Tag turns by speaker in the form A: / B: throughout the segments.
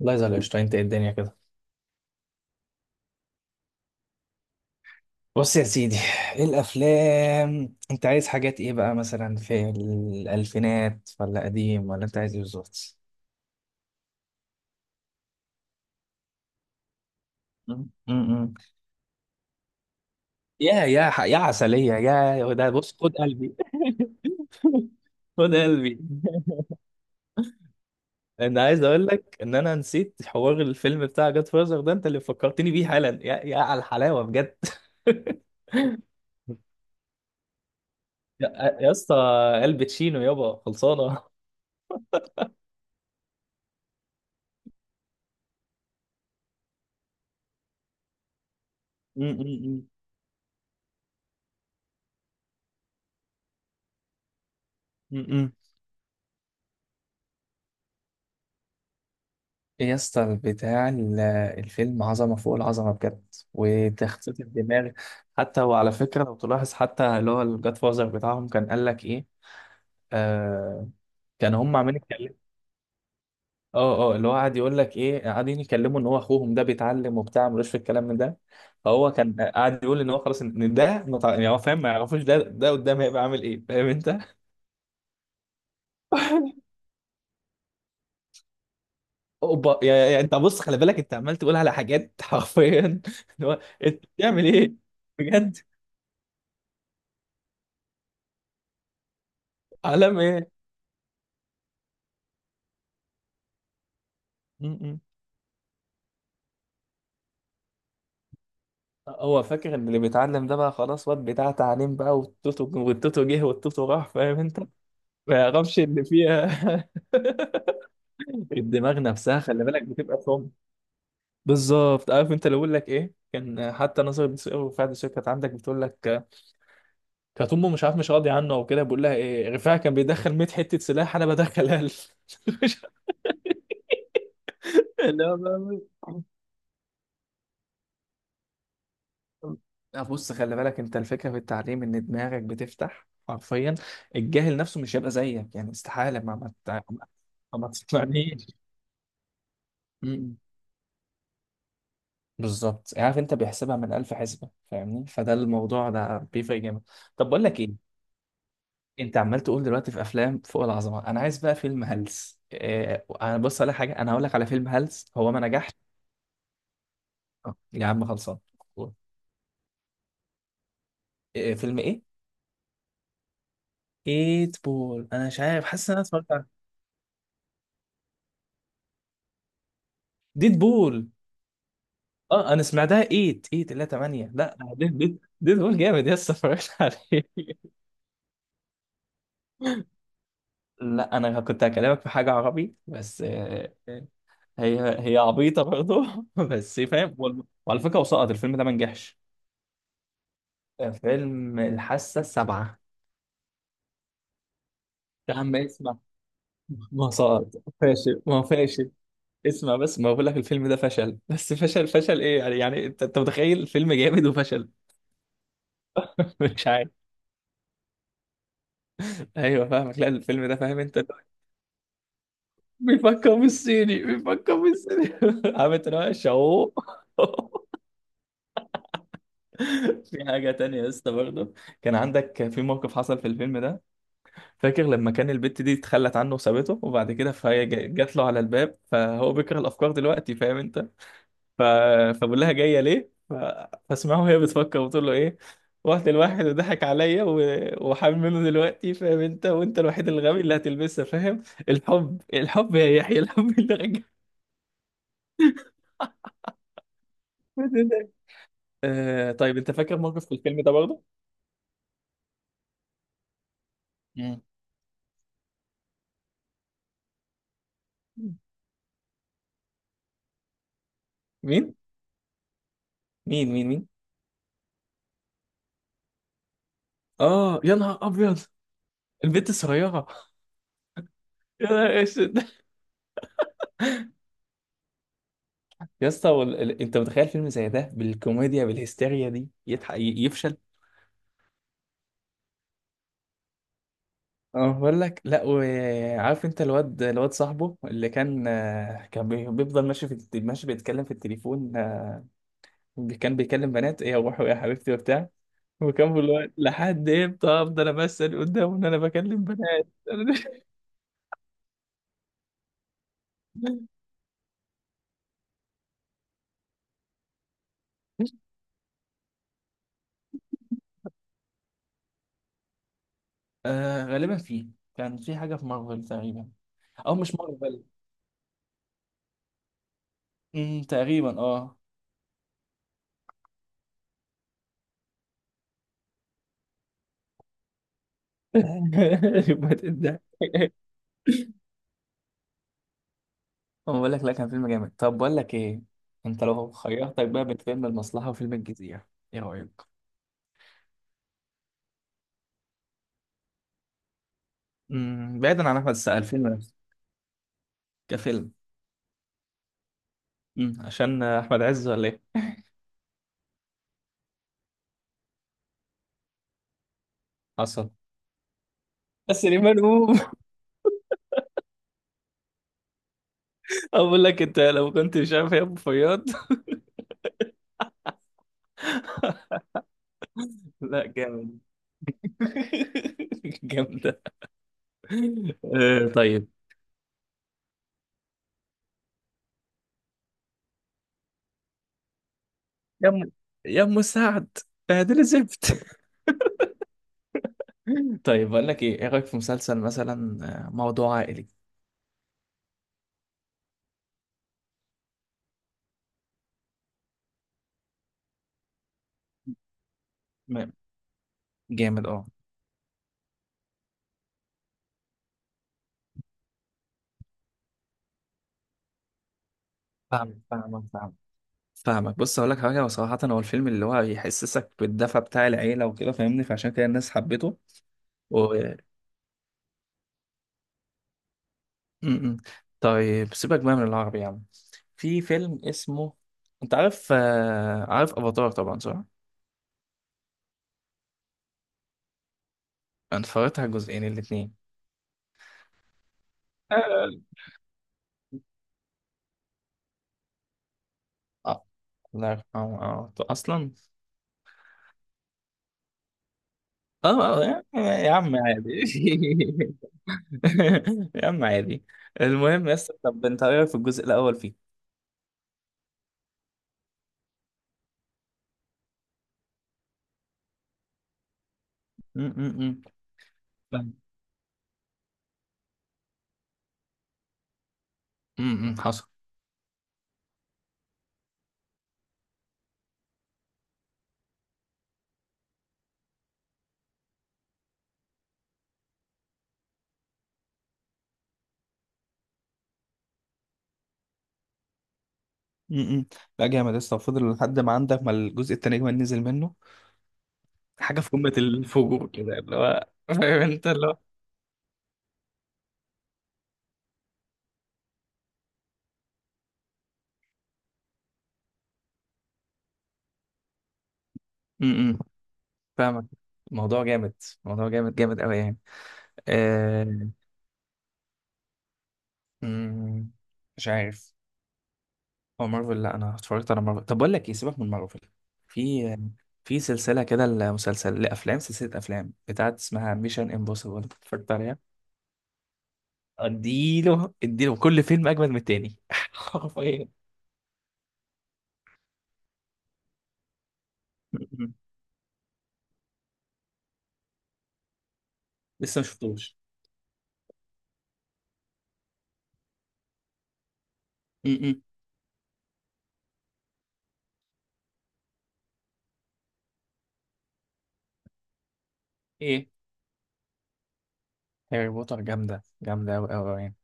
A: الله يزعل قشطة، انت ايه الدنيا كده؟ بص يا سيدي، ايه الافلام؟ انت عايز حاجات ايه بقى، مثلا في الالفينات ولا قديم، ولا انت عايز ايه بالظبط؟ م- م- م. يا عسلية يا ده، بص خد قلبي خد قلبي. انا عايز اقول لك ان انا نسيت حوار الفيلم بتاع جاد فازر ده، انت اللي فكرتني بيه حالا يا على الحلاوة بجد. يا يا اسطى، الباتشينو يابا خلصانة. م- م- م- م- م. إيه يا اسطى بتاع الفيلم، عظمة فوق العظمة بجد، وتخطيط الدماغ. حتى وعلى فكرة لو تلاحظ، حتى اللي هو الجاد فازر بتاعهم كان قال لك إيه، آه، كان هم عاملين يتكلموا. اه اه، اللي هو قاعد يقول لك إيه، قاعدين يكلموا إن هو أخوهم ده بيتعلم وبتاع، ملوش في الكلام من ده. فهو كان قاعد يقول إن هو خلاص، إن ده يعني هو فاهم ما يعرفوش، ده ده قدام هيبقى عامل إيه، فاهم أنت؟ أوبا أنت بص خلي بالك، أنت عمال تقول على حاجات حرفيا اللي هو أنت بتعمل إيه؟ بجد؟ علامة ايه؟ م-م. هو فاكر ان اللي بيتعلم ده بقى خلاص واد بتاع تعليم بقى، والتوتو والتوتو جه والتوتو راح، فاهم انت؟ ما يعرفش اللي فيها. الدماغ نفسها خلي بالك بتبقى فاهم. بالظبط، عارف انت اللي بقول لك ايه؟ كان حتى نظر بتسأله، وفعلا الشركه كانت عندك بتقول لك آه، كانت امه مش عارف مش راضي عنه او كده، بقول لها ايه، رفاعي كان بيدخل 100 حته سلاح، انا بدخل قال. لا بقى، لا بص خلي بالك انت، الفكره في التعليم ان دماغك بتفتح حرفيا. الجاهل نفسه مش هيبقى زيك يعني، استحاله ما ما تقنعنيش. أمم. بالظبط، عارف انت، بيحسبها من الف حسبه، فاهمني؟ فده الموضوع ده بيفرق جامد. طب بقول لك ايه، انت عمال تقول دلوقتي في افلام فوق العظمه، انا عايز بقى فيلم هلس. إيه؟ انا بص على حاجه، انا هقول لك على فيلم هلس هو ما نجحش. آه، يا عم خلصان. إيه فيلم ايه؟ ايت بول، انا مش عارف، حاسس ان انا اتفرجت على ديد بول. اه، انا سمعتها 8 8 لا 8 لا، ديد ديد بول، جامد يس، اتفرجت عليه. لا، انا كنت هكلمك في حاجه عربي بس، آه، هي هي عبيطه برضه بس فاهم. وعلى فكره وسقط الفيلم ده ما نجحش. فيلم الحاسه السابعه. يا عم اسمع، ما سقط، فاشل، ما هو فاشل. اسمع بس، ما بقول لك الفيلم ده فشل، بس فشل فشل ايه يعني، يعني انت متخيل فيلم جامد وفشل؟ مش عارف. ايوه فاهمك، لا الفيلم ده فاهم انت، بيفكر بالصيني بيفكر بالصيني عامل تناقش اهو. في حاجة تانية يا اسطى برضه، كان عندك في موقف حصل في الفيلم ده. فاكر لما كان البت دي اتخلت عنه وسابته، وبعد كده فهي جات له على الباب، فهو بيكره الأفكار دلوقتي، فاهم أنت؟ ف... فبقول لها جاية ليه؟ فاسمعه وهي بتفكر وتقول له إيه، رحت لواحد وضحك عليا وحامل منه دلوقتي، فاهم أنت؟ وأنت الوحيد الغبي اللي هتلبسها، فاهم؟ الحب، الحب يا يحيى، الحب اللي رجع. آه طيب، انت فاكر موقف في الفيلم ده برضه؟ مم. مين مين مين؟ اه يا نهار ابيض، البنت الصغيره. يا نهار اسود. يا اسطى انت متخيل فيلم زي ده بالكوميديا بالهستيريا دي يضحك يفشل؟ اه بقول لك، لا وعارف انت، الواد صاحبه اللي كان آه، كان بيفضل ماشي في ماشي بيتكلم في التليفون آه، كان بيكلم بنات ايه يا روحي يا حبيبتي وبتاع، وكان بيقول له لحد امتى افضل امثل قدامه ان انا بكلم بنات. آه غالبا فيه، كان في حاجة في مارفل تقريبا، أو مش مارفل، مم، تقريبا اه. يبقى ده. أنا بقول لك لا، كان فيلم جامد. طب بقول لك ايه، انت لو خيرتك بقى بين فيلم المصلحة وفيلم الجزيرة، ايه رأيك؟ بعيدا عن احمد السقا، الفيلم نفسه كفيلم. عشان احمد عز ولا ايه؟ حصل. بس سليمان قوم. اقول لك انت، لو كنت مش عارف يا ابو فياض. لا جامد. جامدة. آه، طيب. يا ام يا ام سعد، بهدل زفت. طيب بقول لك ايه، ايه رايك في مسلسل مثلا، آه، موضوع عائلي؟ م- جامد اه. فاهمك فاهمك فاهمك فاهمك بص، اقول لك حاجه وصراحه، هو الفيلم اللي هو يحسسك بالدفى بتاع العيله وكده، فاهمني؟ فعشان كده الناس حبته. و... م- م. طيب سيبك بقى من العربي يا عم. في فيلم اسمه، انت عارف آه، عارف افاتار طبعا صح؟ انا اتفرجت على الجزئين الاثنين. آه، الله يرحمه، اه اصلا. اه يا عم، يا عم عادي. يا عم عادي. المهم يا اسطى، طب انت ايه رايك في الجزء الاول فيه؟ امم امم حصل. امم لا جامد يا اسطى، وفضل لحد ما عندك ما الجزء التاني كمان نزل منه حاجه في قمه الفجور كده، اللي هو فاهم انت اللي هو. امم فاهمك، الموضوع جامد، الموضوع جامد قوي يعني. آه... مم، مش عارف. هو مارفل، لا انا اتفرجت على مارفل، طب بقول لك ايه، سيبك من مارفل. في في سلسله كده، المسلسل لافلام، سلسله افلام بتاعت اسمها ميشن امبوسيبل، اتفرجت عليها؟ اديله كل فيلم اجمل من التاني حرفيا. م-م. لسه ما شفتوش. م-م. ايه، هاري بوتر جامده، جامده قوي قوي يعني.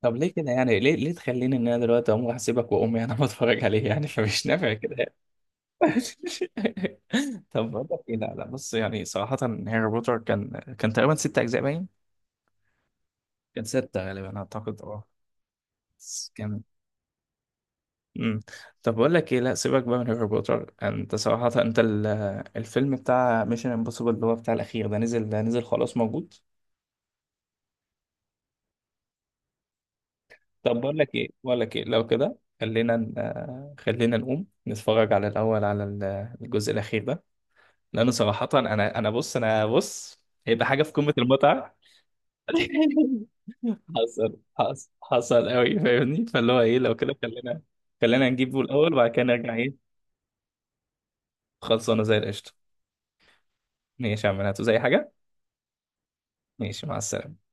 A: طب ليه كده يعني، ليه تخليني ان انا دلوقتي اقوم هسيبك وامي انا بتفرج عليه يعني؟ فمش نافع كده يعني. طب بقول لك ايه، لا لا بص، يعني صراحه هاري بوتر كان تقريبا ست اجزاء باين، كان ستة غالبا أعتقد أه. بس كان، مم. طب بقول لك إيه، لا سيبك بقى من هاري بوتر. أنت صراحة أنت الفيلم بتاع ميشن امبوسيبل اللي هو بتاع الأخير ده، نزل؟ ده نزل خلاص موجود. طب بقول لك إيه، بقول لك إيه، لو كده خلينا خلينا نقوم نتفرج على الأول على الجزء الأخير ده، لأن صراحة أنا بص، أنا بص هيبقى حاجة في قمة المتعة. حصل قوي، فاهمني؟ فاللي هو إيه، لو كده خلينا، خلينا نجيبه الأول وبعد كده نرجع إيه. خلصانه زي القشطه. ماشي يا عم، هاتوا زي حاجه. ماشي، مع السلامه.